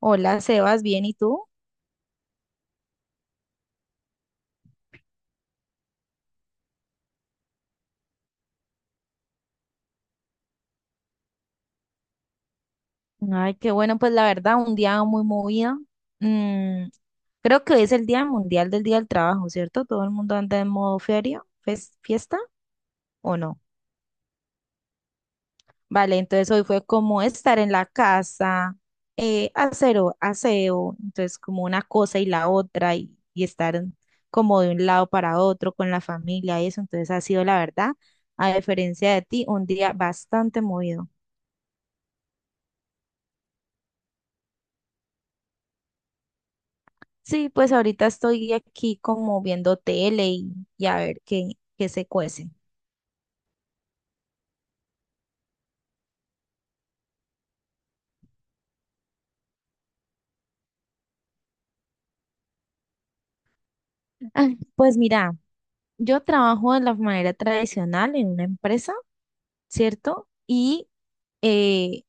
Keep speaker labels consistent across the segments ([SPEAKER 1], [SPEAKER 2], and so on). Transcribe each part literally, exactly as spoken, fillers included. [SPEAKER 1] Hola, Sebas, ¿bien y tú? Ay, qué bueno, pues la verdad, un día muy movido. Mm, creo que hoy es el Día Mundial del Día del Trabajo, ¿cierto? Todo el mundo anda en modo feria, fes- fiesta, ¿o no? Vale, entonces hoy fue como estar en la casa, eh, hacer o- aseo, entonces como una cosa y la otra y, y estar en- como de un lado para otro con la familia y eso, entonces ha sido la verdad, a diferencia de ti, un día bastante movido. Sí, pues ahorita estoy aquí como viendo tele y, y a ver qué, qué se cuece. Ah, pues mira, yo trabajo de la manera tradicional en una empresa, ¿cierto? Y eh,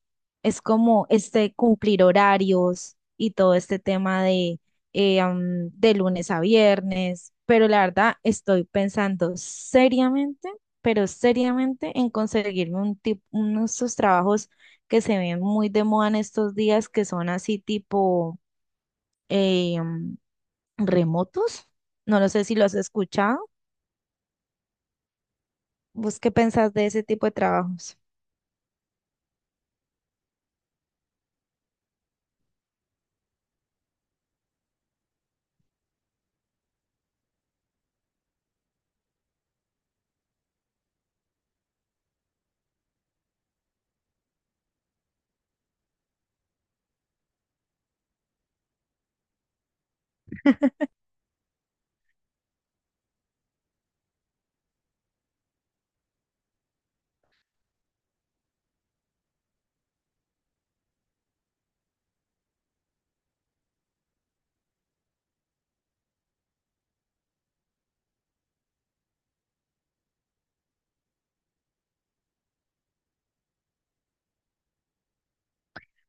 [SPEAKER 1] es como este cumplir horarios y todo este tema de, eh, am, de lunes a viernes, pero la verdad estoy pensando seriamente, pero seriamente en conseguirme un tipo, unos esos trabajos que se ven muy de moda en estos días, que son así tipo eh, am, remotos. No lo sé si los has escuchado. ¿Vos qué pensás de ese tipo de trabajos?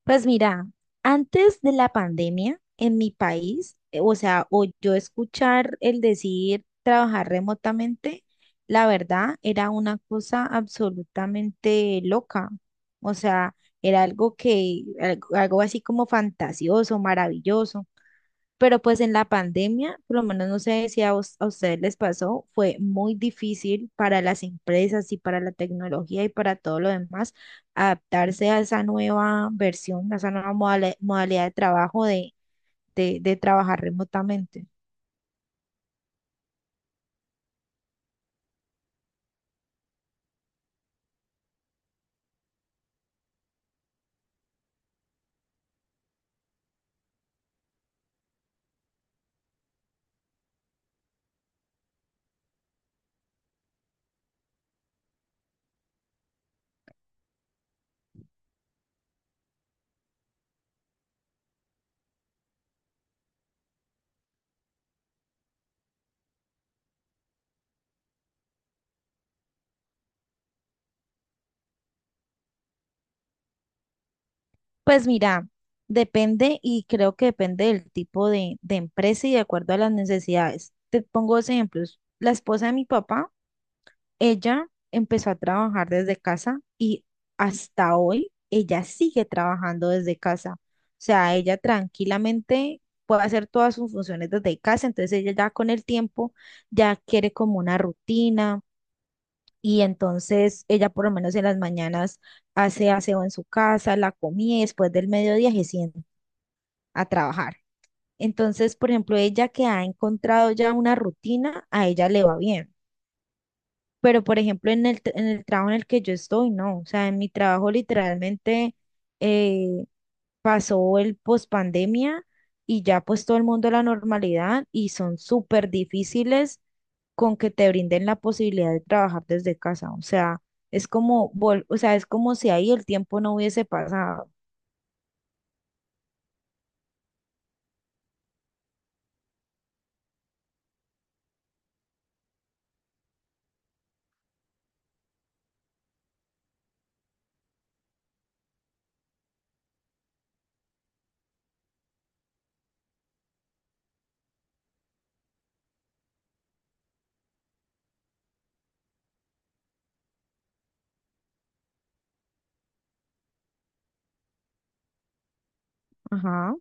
[SPEAKER 1] Pues mira, antes de la pandemia en mi país, eh, o sea, o yo escuchar el decir trabajar remotamente, la verdad era una cosa absolutamente loca. O sea, era algo que, algo, algo así como fantasioso, maravilloso. Pero pues en la pandemia, por lo menos no sé si a, us- a ustedes les pasó, fue muy difícil para las empresas y para la tecnología y para todo lo demás adaptarse a esa nueva versión, a esa nueva modale- modalidad de trabajo de, de, de trabajar remotamente. Pues mira, depende y creo que depende del tipo de, de empresa y de acuerdo a las necesidades. Te pongo dos ejemplos. La esposa de mi papá. Ella empezó a trabajar desde casa y hasta hoy ella sigue trabajando desde casa. O sea, ella tranquilamente puede hacer todas sus funciones desde casa, entonces ella ya con el tiempo ya quiere como una rutina y entonces ella por lo menos en las mañanas hace aseo en su casa, la comida y después del mediodía se sienta a trabajar. Entonces, por ejemplo, ella que ha encontrado ya una rutina, a ella le va bien. Pero, por ejemplo, en el, t- en el trabajo en el que yo estoy, no. O sea, en mi trabajo literalmente eh, pasó el pospandemia y ya pues todo el mundo a la normalidad y son súper difíciles con que te brinden la posibilidad de trabajar desde casa. O sea, es como, vol- o sea, es como si ahí el tiempo no hubiese pasado. Ajá.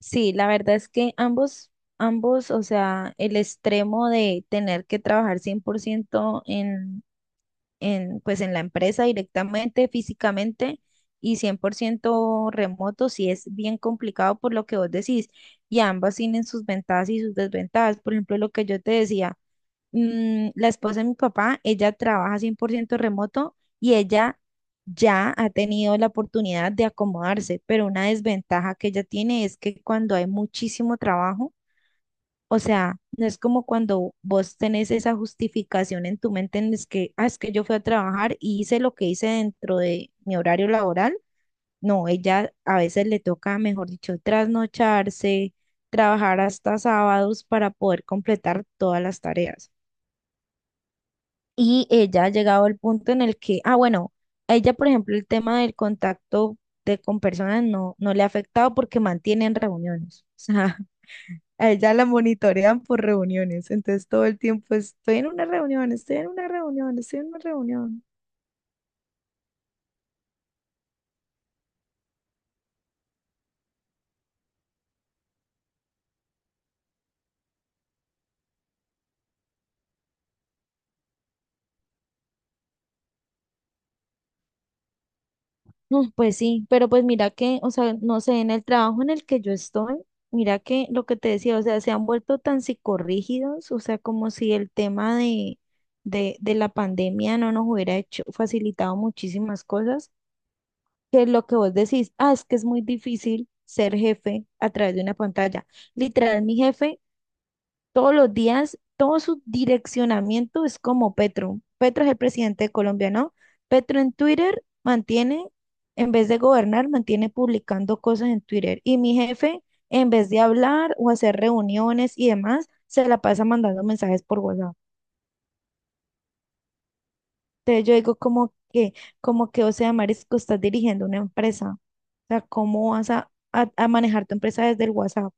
[SPEAKER 1] Sí, la verdad es que ambos, ambos, o sea, el extremo de tener que trabajar cien por ciento en en, pues en la empresa directamente, físicamente y cien por ciento remoto, sí es bien complicado por lo que vos decís. Y ambas tienen sus ventajas y sus desventajas. Por ejemplo, lo que yo te decía, mm, la esposa de mi papá, ella trabaja cien por ciento remoto y ella ya ha tenido la oportunidad de acomodarse, pero una desventaja que ella tiene es que cuando hay muchísimo trabajo, o sea, no es como cuando vos tenés esa justificación en tu mente en es que, ah, es que yo fui a trabajar y hice lo que hice dentro de mi horario laboral. No, ella a veces le toca, mejor dicho, trasnocharse, trabajar hasta sábados para poder completar todas las tareas. Y ella ha llegado al punto en el que, ah, bueno, a ella, por ejemplo, el tema del contacto de, con personas no, no le ha afectado porque mantienen reuniones. O sea, a ella la monitorean por reuniones, entonces todo el tiempo estoy en una reunión, estoy en una reunión, estoy en una reunión. Mm, Pues sí, pero pues mira que, o sea, no sé, en el trabajo en el que yo estoy, mira que lo que te decía, o sea, se han vuelto tan psicorrígidos, o sea, como si el tema de, de, de la pandemia no nos hubiera hecho, facilitado muchísimas cosas, que lo que vos decís, ah, es que es muy difícil ser jefe a través de una pantalla. Literal, mi jefe todos los días, todo su direccionamiento es como Petro. Petro es el presidente de Colombia, ¿no? Petro en Twitter mantiene, en vez de gobernar, mantiene publicando cosas en Twitter. Y mi jefe, en vez de hablar o hacer reuniones y demás, se la pasa mandando mensajes por WhatsApp. Entonces yo digo como que, como que, o sea, Marisco, estás dirigiendo una empresa. O sea, ¿cómo vas a, a, a manejar tu empresa desde el WhatsApp?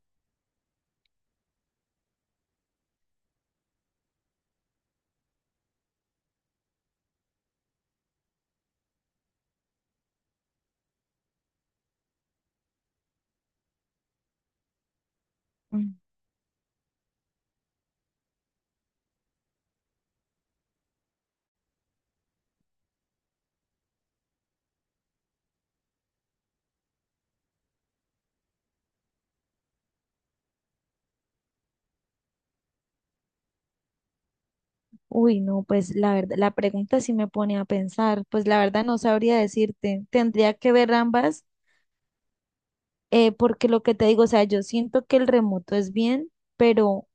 [SPEAKER 1] Uy, no, pues la verdad, la pregunta sí me pone a pensar, pues la verdad no sabría decirte, tendría que ver ambas, eh, porque lo que te digo, o sea, yo siento que el remoto es bien, pero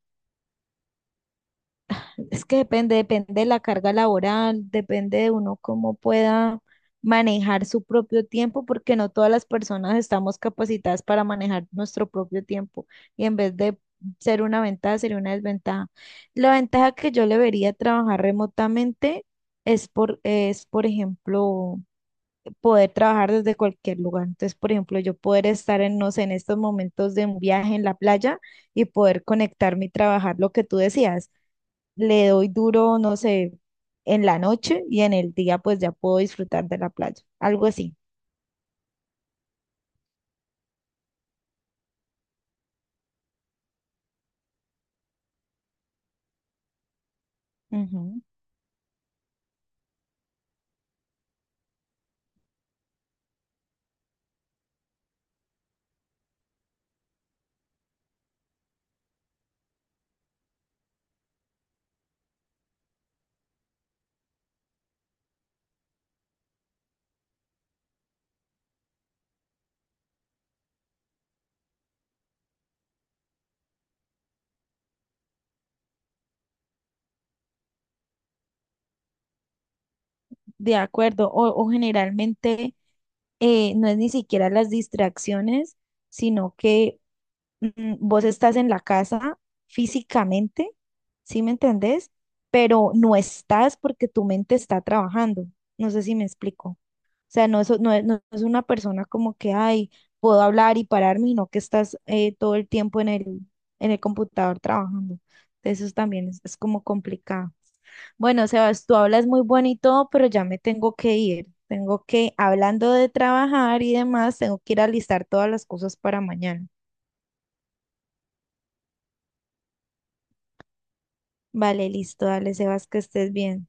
[SPEAKER 1] es que depende, depende de la carga laboral, depende de uno cómo pueda manejar su propio tiempo, porque no todas las personas estamos capacitadas para manejar nuestro propio tiempo y en vez de ser una ventaja, sería una desventaja. La ventaja que yo le vería a trabajar remotamente es por, es, por ejemplo, poder trabajar desde cualquier lugar. Entonces, por ejemplo, yo poder estar en, no sé, en estos momentos de un viaje en la playa y poder conectarme y trabajar lo que tú decías le doy duro, no sé, en la noche y en el día pues ya puedo disfrutar de la playa, algo así. Ujú. De acuerdo, o, o generalmente eh, no es ni siquiera las distracciones, sino que mm, vos estás en la casa físicamente, ¿sí me entendés? Pero no estás porque tu mente está trabajando. No sé si me explico. O sea, no es, no es, no es una persona como que, ay, puedo hablar y pararme, y no que estás eh, todo el tiempo en el, en el computador trabajando. Entonces, eso también es, es como complicado. Bueno, Sebas, tú hablas muy bueno y todo, pero ya me tengo que ir. Tengo que, hablando de trabajar y demás, tengo que ir a listar todas las cosas para mañana. Vale, listo, dale, Sebas, que estés bien.